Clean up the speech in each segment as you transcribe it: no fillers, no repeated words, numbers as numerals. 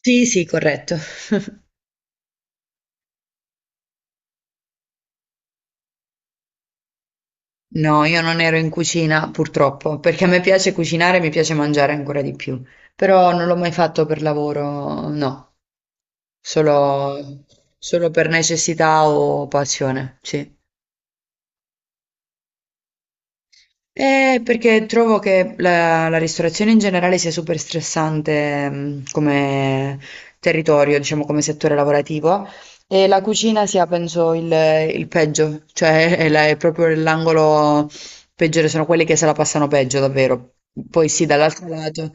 Sì, sì, corretto. No, io non ero in cucina purtroppo, perché a me piace cucinare, mi piace mangiare ancora di più, però non l'ho mai fatto per lavoro, no, solo, solo per necessità o passione, sì. Perché trovo che la ristorazione in generale sia super stressante, come territorio, diciamo come settore lavorativo, e la cucina sia, penso, il peggio, cioè è, è proprio l'angolo peggiore, sono quelli che se la passano peggio, davvero. Poi sì, dall'altro lato.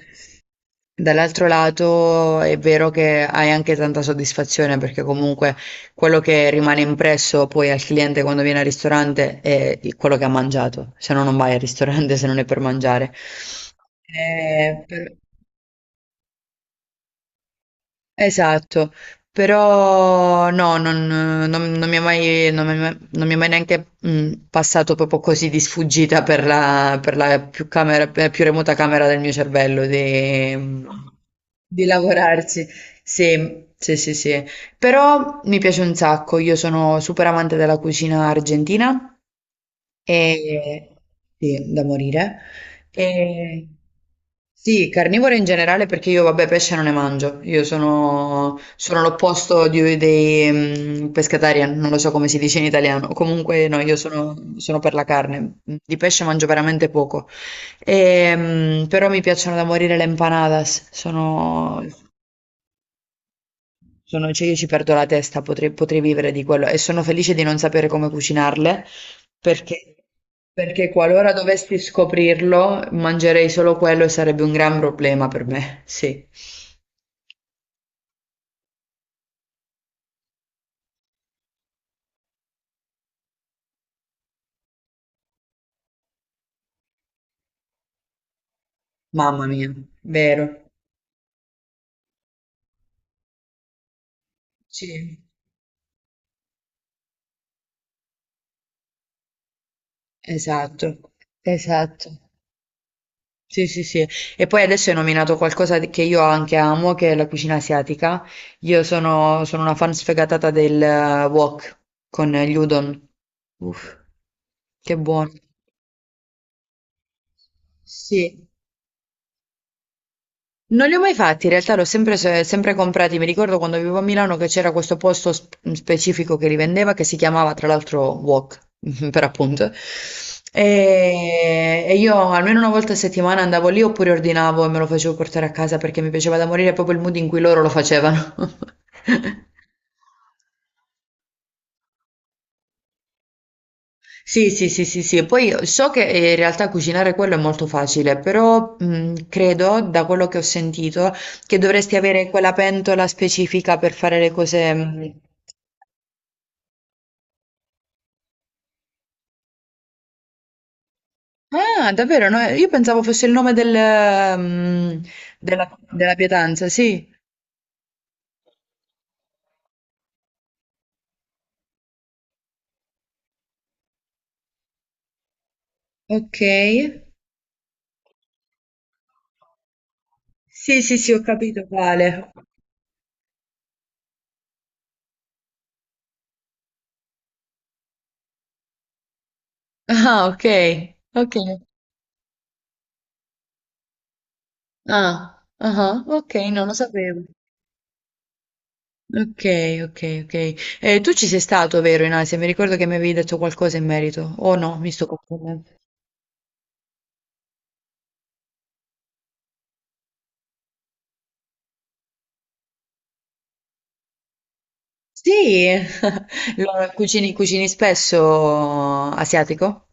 Dall'altro lato è vero che hai anche tanta soddisfazione perché comunque quello che rimane impresso poi al cliente quando viene al ristorante è quello che ha mangiato, se no non vai al ristorante se non è per mangiare. Eh, per- Esatto, però non mi è mai, non mi è mai, non mi è mai neanche passato proprio così di sfuggita per per la più per la più remota camera del mio cervello di, di lavorarci. Sì, sì, sì, sì. Però mi piace un sacco, io sono super amante della cucina argentina. E, sì, da morire. E, sì, carnivore in generale perché io, vabbè, pesce non ne mangio. Io sono, sono l'opposto dei mm, pescatarian, non lo so come si dice in italiano. Comunque, no, io sono, sono per la carne. Di pesce mangio veramente poco. E, mm, però mi piacciono da morire le empanadas. Sono cioè io ci perdo la testa, potrei vivere di quello e sono felice di non sapere come cucinarle perché, perché qualora dovessi scoprirlo mangerei solo quello e sarebbe un gran problema per me. Sì, mamma mia, vero. Sì, esatto, esatto. Sì, sì, sì. E poi adesso hai nominato qualcosa che io anche amo, che è la cucina asiatica. Io sono, sono una fan sfegatata del wok con gli udon. Uff, che buono. Sì, non li ho mai fatti, in realtà li ho sempre, sempre comprati. Mi ricordo quando vivevo a Milano che c'era questo posto specifico che li vendeva, che si chiamava tra l'altro Wok, per appunto. E io almeno una volta a settimana andavo lì oppure ordinavo e me lo facevo portare a casa perché mi piaceva da morire proprio il mood in cui loro lo facevano. Sì, sì, sì, sì, sì. E poi so che in realtà cucinare quello è molto facile, però credo, da quello che ho sentito, che dovresti avere quella pentola specifica per fare le cose. Mh. Ah, davvero? No, io pensavo fosse il nome del, della pietanza, sì. Ok. Sì, sì, sì, ho capito quale. Ah, ok. Ok. Ah, ah, ok, non lo sapevo. Ok, ok, ok. Tu ci sei stato, vero, in Asia? Mi ricordo che mi avevi detto qualcosa in merito. O no, mi sto confondendo. Sì, cucini, cucini spesso asiatico?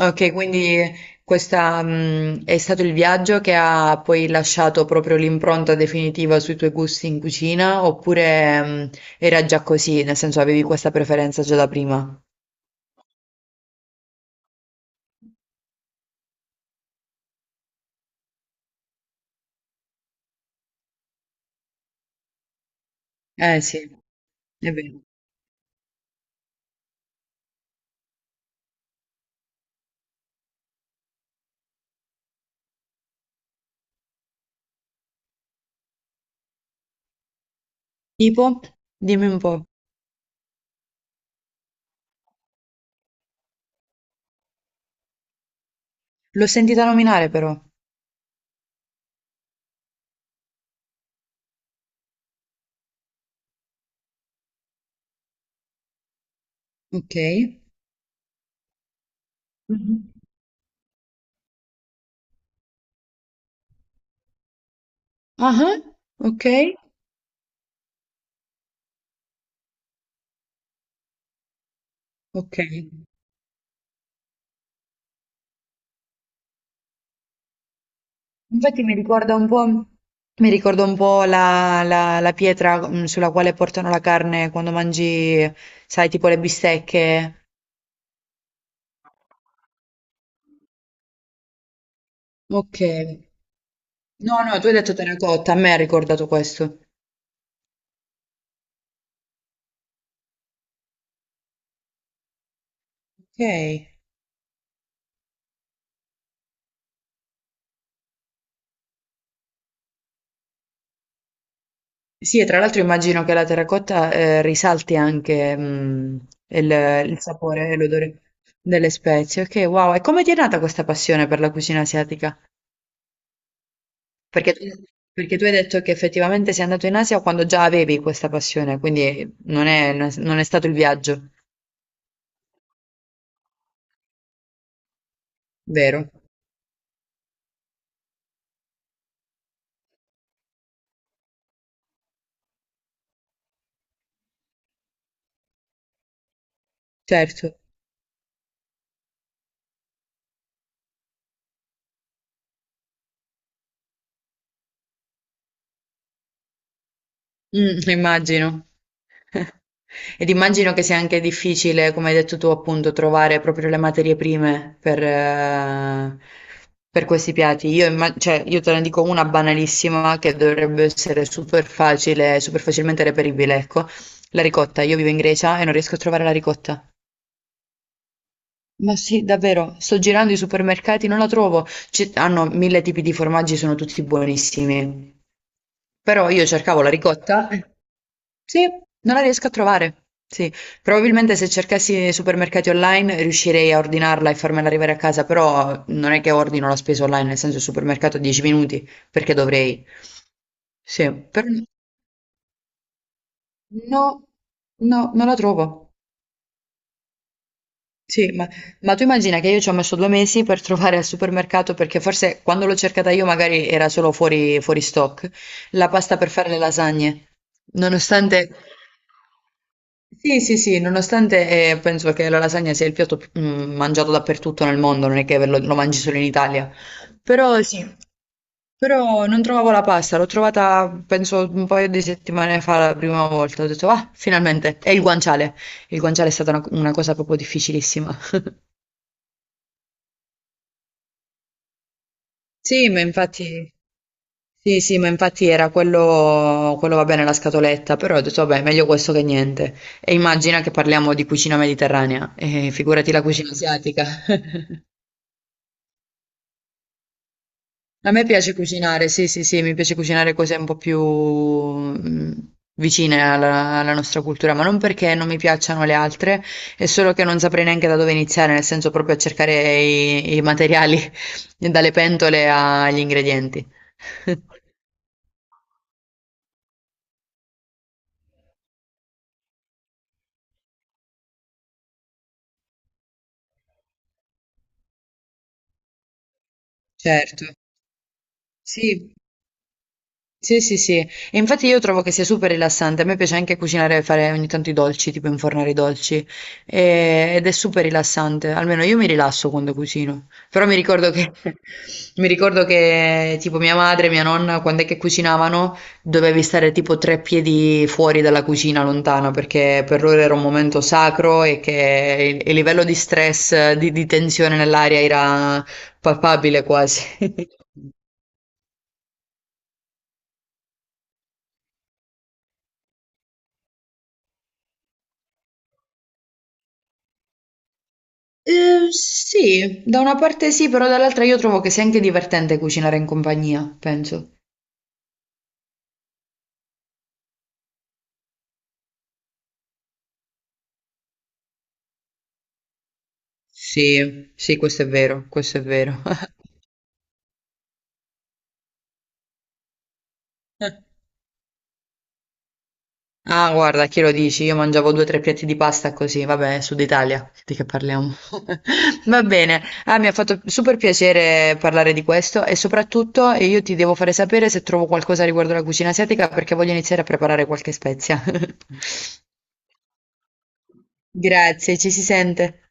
Ok, quindi questa, è stato il viaggio che ha poi lasciato proprio l'impronta definitiva sui tuoi gusti in cucina, oppure, era già così, nel senso avevi questa preferenza già da prima? Eh sì, è vero. Tipo? Dimmi un po'. L'ho sentita nominare però. Ok. Mh-mh. Ah-ah, okay, okay. Infatti mi ricorda un po' mi ricorda un po' la pietra, mhmm, sulla quale portano la carne quando mangi, sai, tipo le bistecche. Okay. No, no, tu hai detto terracotta, a me ha ricordato questo. Okay. Sì, e tra l'altro immagino che la terracotta, risalti anche, mhmm, il il sapore e l'odore delle spezie. Okay, wow. E come ti è nata questa passione per la cucina asiatica? Perché tu, perché tu hai detto che effettivamente sei andato in Asia quando già avevi questa passione, quindi non è stato il viaggio, vero? Certo. Mm, immagino. Ed immagino che sia anche difficile, come hai detto tu, appunto, trovare proprio le materie prime per questi piatti. Cioè, io te ne dico una banalissima che dovrebbe essere super facile, super facilmente reperibile, ecco. La ricotta. Io vivo in Grecia e non riesco a trovare la ricotta. Ma sì, davvero, sto girando i supermercati, non la trovo. Hanno mille tipi di formaggi, sono tutti buonissimi. Però io cercavo la ricotta. Sì, non la riesco a trovare. Sì, probabilmente se cercassi nei supermercati online riuscirei a ordinarla e farmela arrivare a casa, però non è che ordino la spesa online, nel senso il supermercato a 10 minuti, perché dovrei. Sì, però no, no, non la trovo. Sì, ma tu immagina che io ci ho messo 2 mesi per trovare al supermercato, perché forse quando l'ho cercata io magari era solo fuori, fuori stock, la pasta per fare le lasagne. Nonostante... Sì, sì, sì, nonostante penso che la lasagna sia il piatto mm, mangiato dappertutto nel mondo, non è che lo mangi solo in Italia. Però sì, però non trovavo la pasta, l'ho trovata penso un paio di settimane fa la prima volta, ho detto ah, finalmente, è il guanciale. Il guanciale è stata una cosa proprio difficilissima. Sì, ma infatti sì, sì, ma infatti era quello, quello va bene la scatoletta, però ho detto vabbè, meglio questo che niente. E immagina che parliamo di cucina mediterranea, e figurati la cucina asiatica. A me piace cucinare, sì, sì, sì, mi piace cucinare cose un po' più mm, vicine alla, alla nostra cultura, ma non perché non mi piacciono le altre, è solo che non saprei neanche da dove iniziare, nel senso proprio a cercare i materiali, dalle pentole agli ingredienti. Certo, sì. Sì, sì, sì. E infatti io trovo che sia super rilassante. A me piace anche cucinare e fare ogni tanto i dolci, tipo infornare i dolci. Ed è super rilassante. Almeno io mi rilasso quando cucino. Però mi ricordo che, mi ricordo che tipo mia madre e mia nonna, quando è che cucinavano, dovevi stare tipo 3 piedi fuori dalla cucina, lontano, perché per loro era un momento sacro e che il livello di stress, di tensione nell'aria era palpabile quasi. Sì, da una parte sì, però dall'altra io trovo che sia anche divertente cucinare in compagnia, penso. Sì, sì, questo è vero, questo è vero. Ah, guarda, chi lo dici? Io mangiavo due o tre piatti di pasta così, vabbè, Sud Italia, di che parliamo? Va bene, ah, mi ha fatto super piacere parlare di questo e soprattutto io ti devo fare sapere se trovo qualcosa riguardo la cucina asiatica perché voglio iniziare a preparare qualche spezia. Grazie, ci si sente.